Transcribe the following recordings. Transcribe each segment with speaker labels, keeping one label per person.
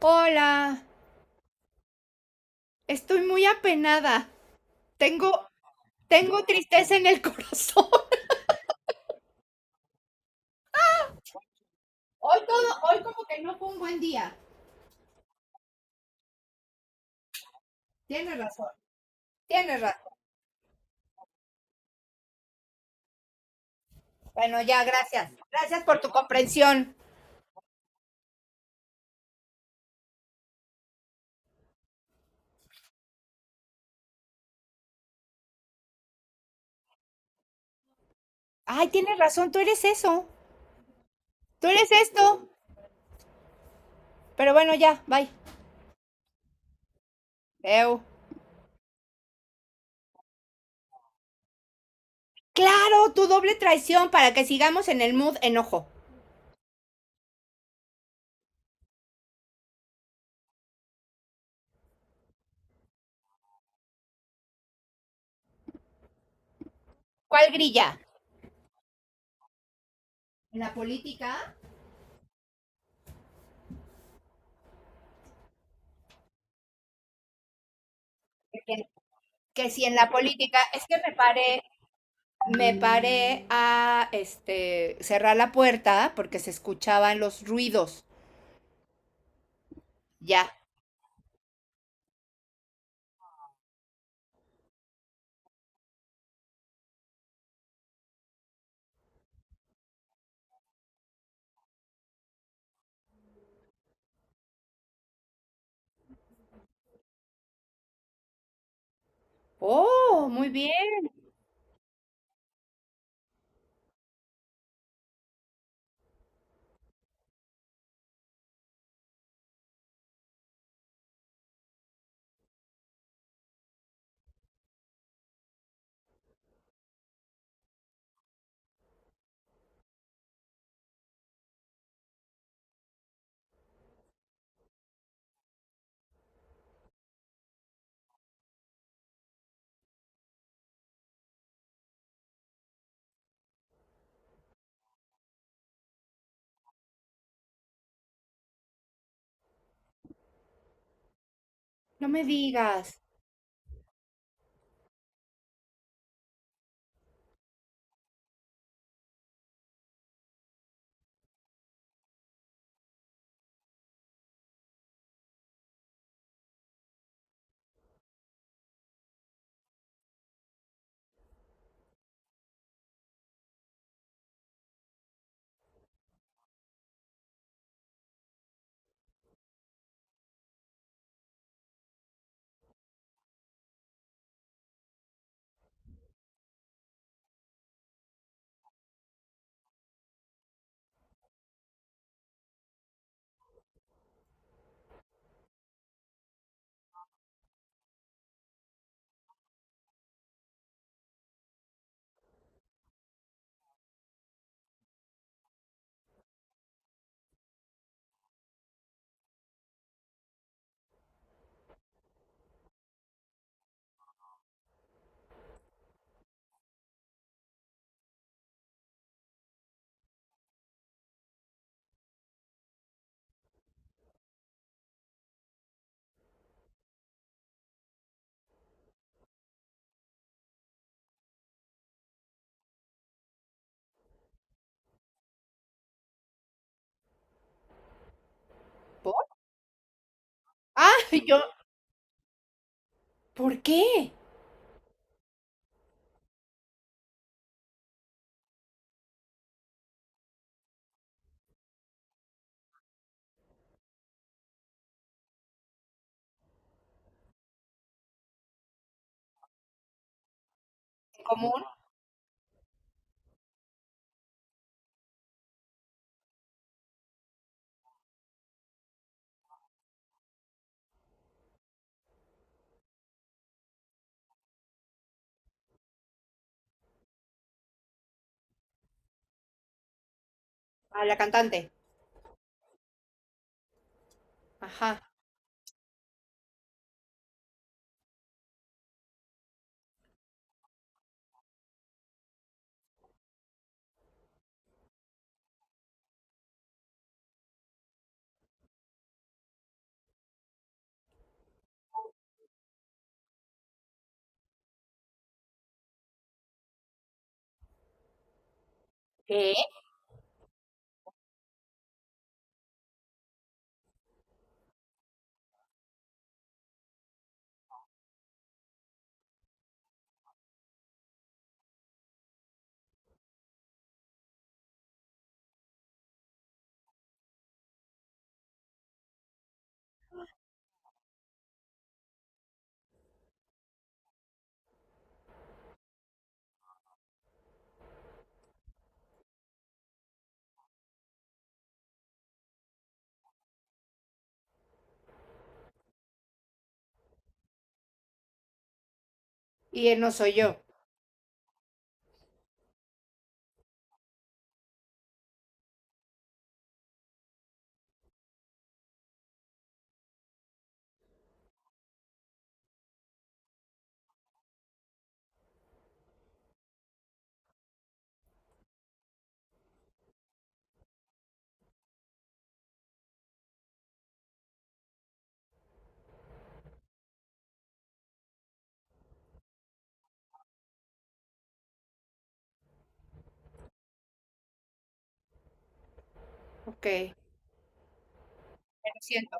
Speaker 1: Hola, estoy muy apenada. Tengo, tengo tristeza en el corazón. Hoy como que no fue un buen día. Tienes razón, tienes razón. Bueno, ya, gracias. Gracias por tu comprensión. Ay, tienes razón, tú eres eso. Tú eres esto. Pero bueno, ya, bye. Veo. Claro, tu doble traición para que sigamos en el mood enojo. ¿Cuál grilla? ¿En la política? Que, que si en la política, es que me paré a cerrar la puerta porque se escuchaban los ruidos. Ya. Oh, muy bien. No me digas. ¿Por? Ah, y yo. ¿Por qué? Común a la cantante. Ajá. ¿Qué? Y él no soy yo. Ok. Lo siento.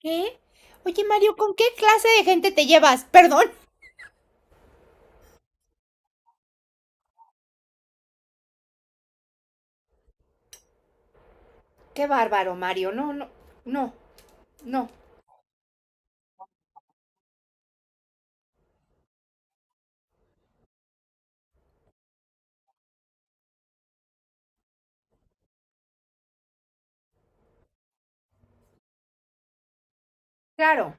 Speaker 1: ¿Qué? Oye, Mario, ¿con qué clase de gente te llevas? Perdón. Qué bárbaro, Mario. No, no, no, no. Claro.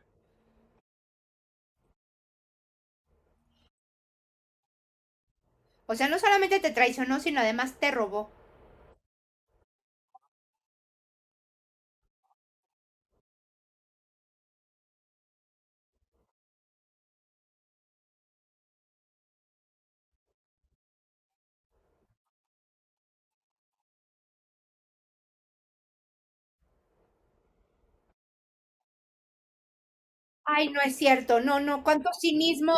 Speaker 1: O sea, no solamente te traicionó, sino además te robó. Ay, no es cierto, no, no, cuánto cinismo.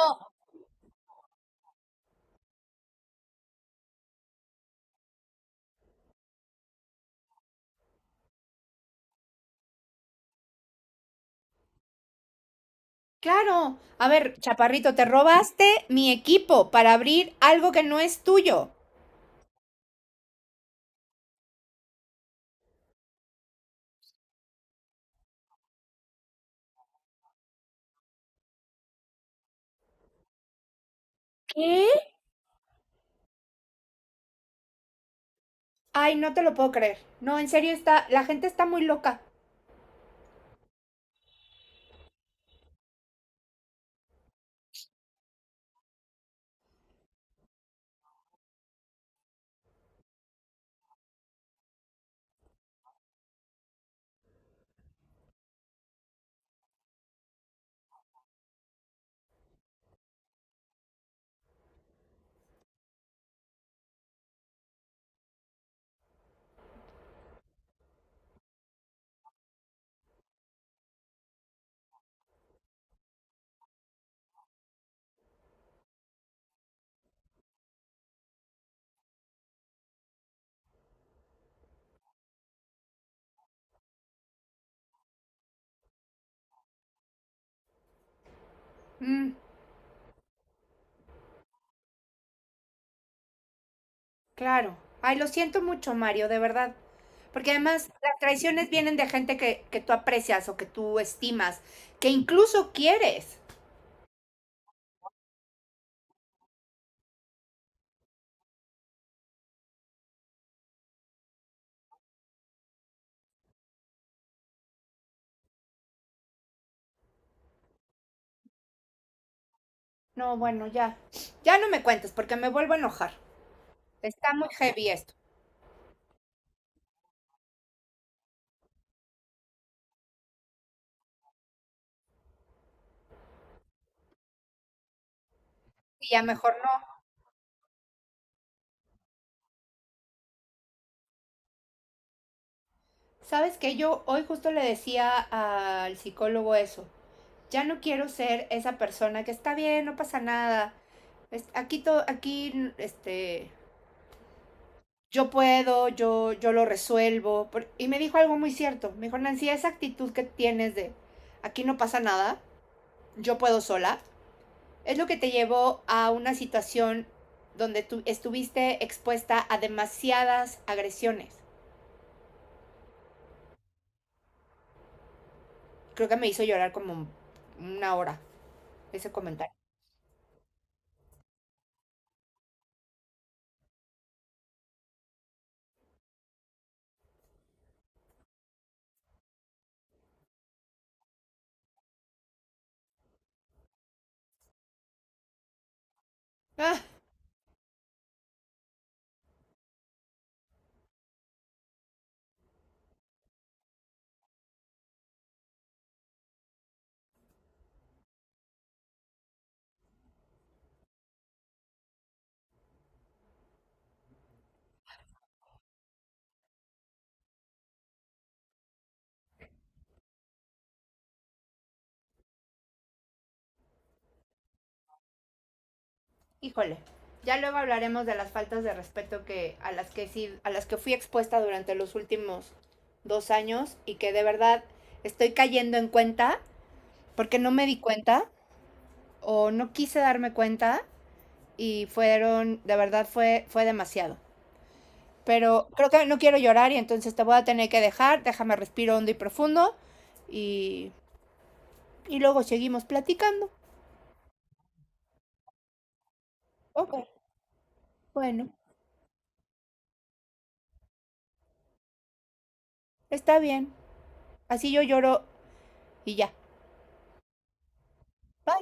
Speaker 1: Claro, a ver, chaparrito, te robaste mi equipo para abrir algo que no es tuyo. ¿Qué? Ay, no te lo puedo creer. No, en serio está, la gente está muy loca. Mm, claro. Ay, lo siento mucho, Mario, de verdad. Porque además las traiciones vienen de gente que tú aprecias o que tú estimas, que incluso quieres. No, bueno, ya. Ya no me cuentes porque me vuelvo a enojar. Está muy heavy esto. Y ya mejor no. Sabes que yo hoy justo le decía al psicólogo eso. Ya no quiero ser esa persona que está bien, no pasa nada. Aquí todo, aquí, yo puedo, yo lo resuelvo. Y me dijo algo muy cierto. Me dijo, Nancy, esa actitud que tienes de aquí no pasa nada, yo puedo sola, es lo que te llevó a una situación donde tú estuviste expuesta a demasiadas agresiones. Creo que me hizo llorar como una hora ese comentario. Ah, híjole. Ya luego hablaremos de las faltas de respeto que a las que sí, a las que fui expuesta durante los últimos 2 años y que de verdad estoy cayendo en cuenta porque no me di cuenta o no quise darme cuenta y de verdad fue demasiado. Pero creo que no quiero llorar y entonces te voy a tener que dejar. Déjame respiro hondo y profundo y, y luego seguimos platicando. Ok, bueno, está bien. Así yo lloro y ya. Bye.